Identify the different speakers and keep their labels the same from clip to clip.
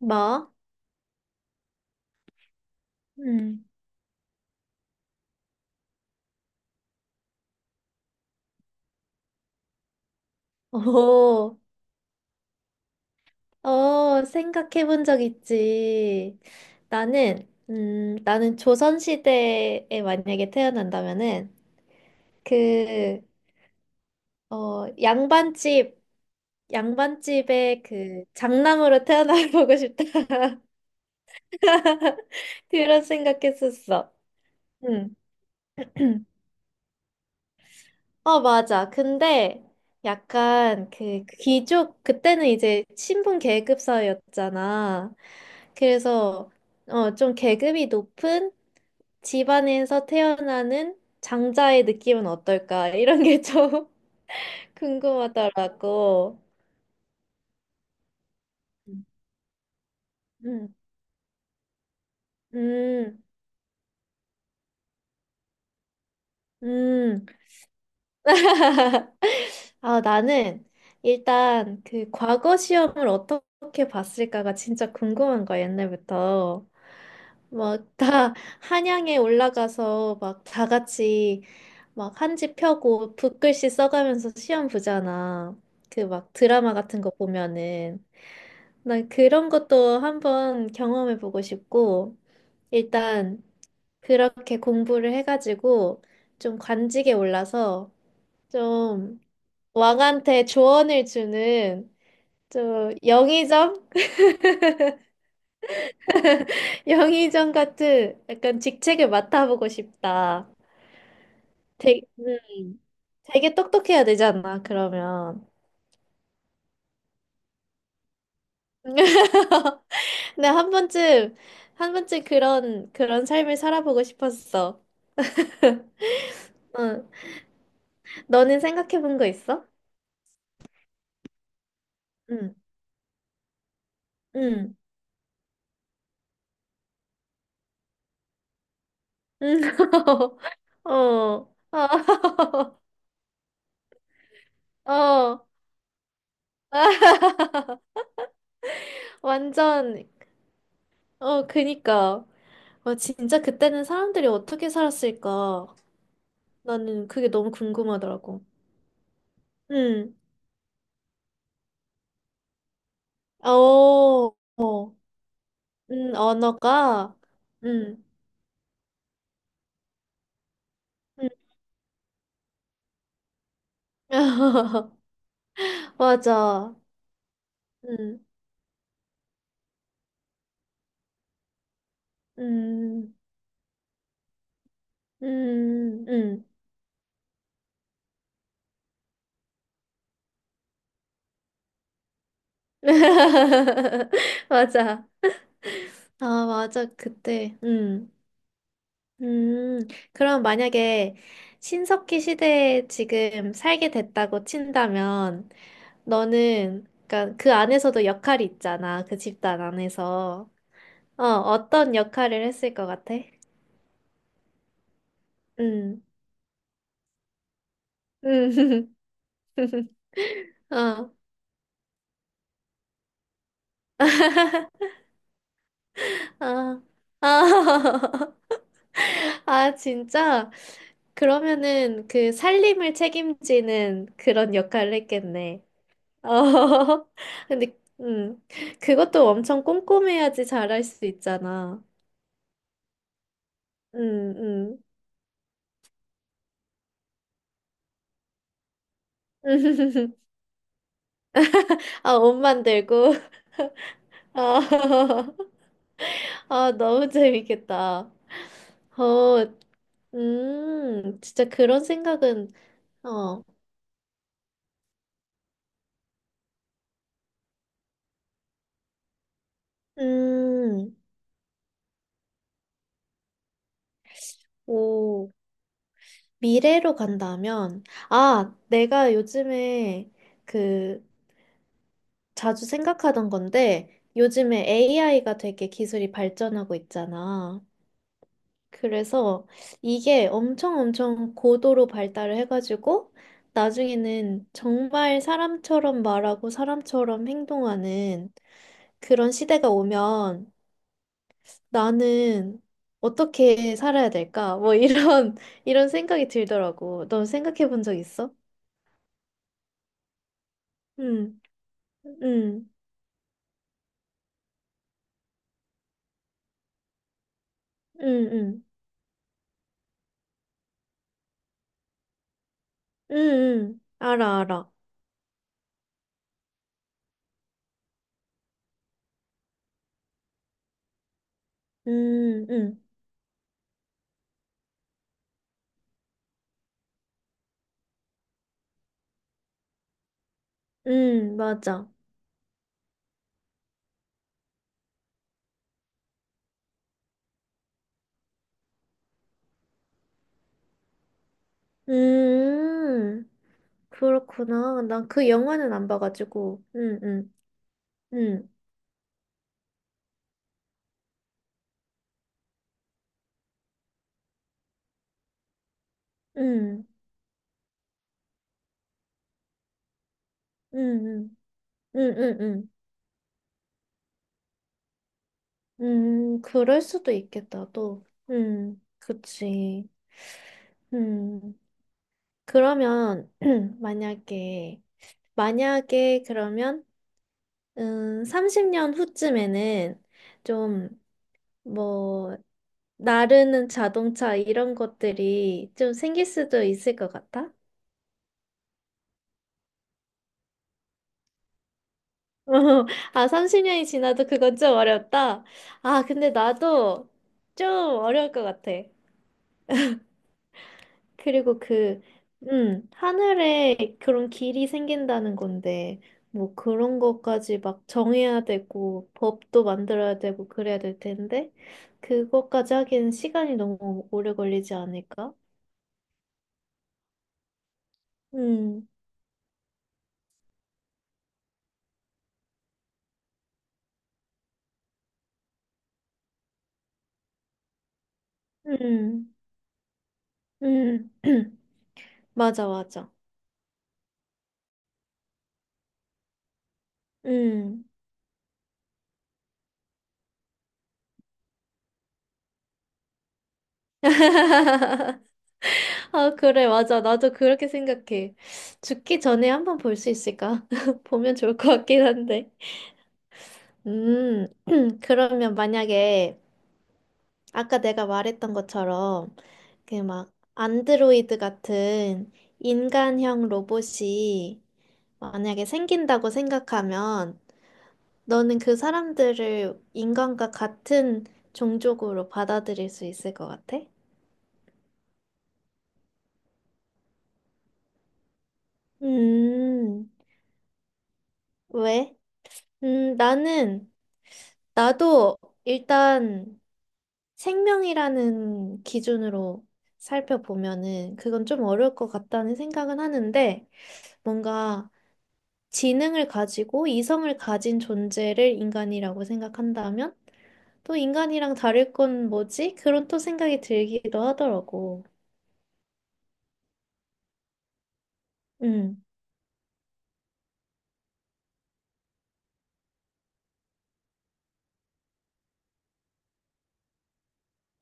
Speaker 1: 뭐? 음. 오, 어, 생각해 본 적 있지. 나는 조선시대에 만약에 태어난다면은, 그, 어, 양반집에 그 장남으로 태어나보고 싶다. 그런 생각했었어. 응. 어, 맞아. 근데 약간 그때는 이제 신분 계급 사회였잖아. 그래서 어, 좀 계급이 높은 집안에서 태어나는 장자의 느낌은 어떨까? 이런 게 좀 궁금하더라고. 음, 음, 음. 아, 나는 일단 그 과거 시험을 어떻게 봤을까가 진짜 궁금한 거야, 옛날부터. 막 다 한양에 올라가서 막 다 같이 막 한지 펴고 붓글씨 써가면서 시험 보잖아. 그 막 드라마 같은 거 보면은. 난 그런 것도 한번 경험해 보고 싶고, 일단 그렇게 공부를 해가지고 좀 관직에 올라서 좀 왕한테 조언을 주는 좀 영의정? 영의정 같은 약간 직책을 맡아보고 싶다. 되게, 음, 되게 똑똑해야 되잖아, 그러면. 근데 한 번쯤 그런 삶을 살아보고 싶었어. 응. 너는 생각해 본 거 있어? 응, 응, 응. 어, 어, 어. 완전, 어, 그니까. 와, 진짜 그때는 사람들이 어떻게 살았을까? 나는 그게 너무 궁금하더라고. 응. 어, 어. 언어가, 음, 음. 맞아. 음, 음, 음, 음. 맞아. 아, 맞아. 그때, 음. 그럼 만약에 신석기 시대에 지금 살게 됐다고 친다면, 너는, 그러니까 그 안에서도 역할이 있잖아. 그 집단 안에서. 어, 어떤 역할을 했을 것 같아? 음, 음, 어. 아, 아, 아, 진짜? 그러면은 그 살림을 책임지는 그런 역할을 했겠네. 어, 근데, 그것도 엄청 꼼꼼해야지 잘할 수 있잖아. 음, 음. 아, 옷 만들고. 아, 아, 너무 재밌겠다. 어, 진짜 그런 생각은, 어, 음, 오. 미래로 간다면, 아, 내가 요즘에 그 자주 생각하던 건데, 요즘에 AI가 되게 기술이 발전하고 있잖아. 그래서 이게 엄청 엄청 고도로 발달을 해가지고, 나중에는 정말 사람처럼 말하고 사람처럼 행동하는 그런 시대가 오면 나는 어떻게 살아야 될까? 뭐 이런, 이런 생각이 들더라고. 너 생각해 본 적 있어? 응. 응, 응, 응, 응, 응, 알아, 알아. 응, 응, 응, 맞아. 음, 그렇구나. 난 그 영화는 안 봐가지고. 응, 응, 응, 응, 응, 응, 응, 응, 응. 그럴 수도 있겠다, 또. 그치. 음, 그러면, 만약에, 만약에, 그러면, 30년 후쯤에는 좀, 뭐, 나르는 자동차 이런 것들이 좀 생길 수도 있을 것 같아? 아, 30년이 지나도 그건 좀 어렵다. 아, 근데 나도 좀 어려울 것 같아. 그리고 그, 하늘에 그런 길이 생긴다는 건데, 뭐 그런 것까지 막 정해야 되고, 법도 만들어야 되고, 그래야 될 텐데, 그것까지 하기엔 시간이 너무 오래 걸리지 않을까? 음, 음, 음. 맞아, 맞아. 음. 아, 그래, 맞아. 나도 그렇게 생각해. 죽기 전에 한번 볼 수 있을까? 보면 좋을 것 같긴 한데. 음, 그러면 만약에 아까 내가 말했던 것처럼 그 막 안드로이드 같은 인간형 로봇이 만약에 생긴다고 생각하면 너는 그 사람들을 인간과 같은 종족으로 받아들일 수 있을 것 같아? 음, 왜? 나는, 나도 일단 생명이라는 기준으로 살펴보면은 그건 좀 어려울 것 같다는 생각은 하는데 뭔가 지능을 가지고 이성을 가진 존재를 인간이라고 생각한다면 또 인간이랑 다를 건 뭐지? 그런 또 생각이 들기도 하더라고. 음,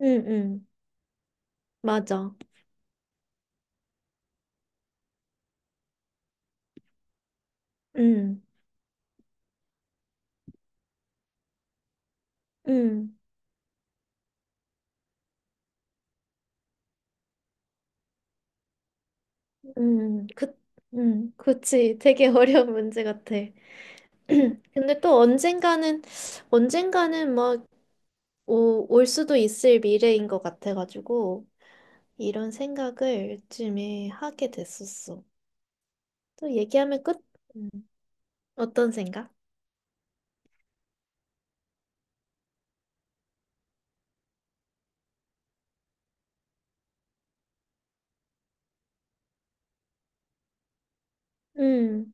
Speaker 1: 음, 음, 맞아. 음, 음, 그, 그치. 되게 어려운 문제 같아. 근데 또 언젠가는 막 올 수도 있을 미래인 것 같아가지고 이런 생각을 요즘에 하게 됐었어. 또 얘기하면 끝. 음, 어떤 생각? 음,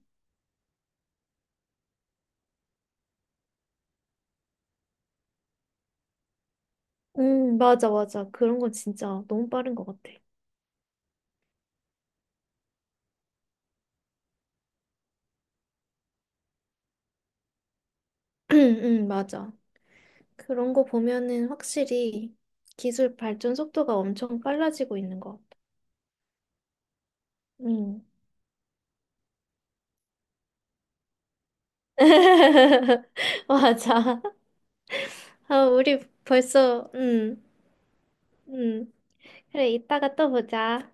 Speaker 1: 맞아, 맞아. 그런 건 진짜 너무 빠른 것 같아. 음, 맞아. 그런 거 보면은 확실히 기술 발전 속도가 엄청 빨라지고 있는 것 같아. 음. 맞아. 아, 우리 벌써, 음. 그래, 이따가 또 보자.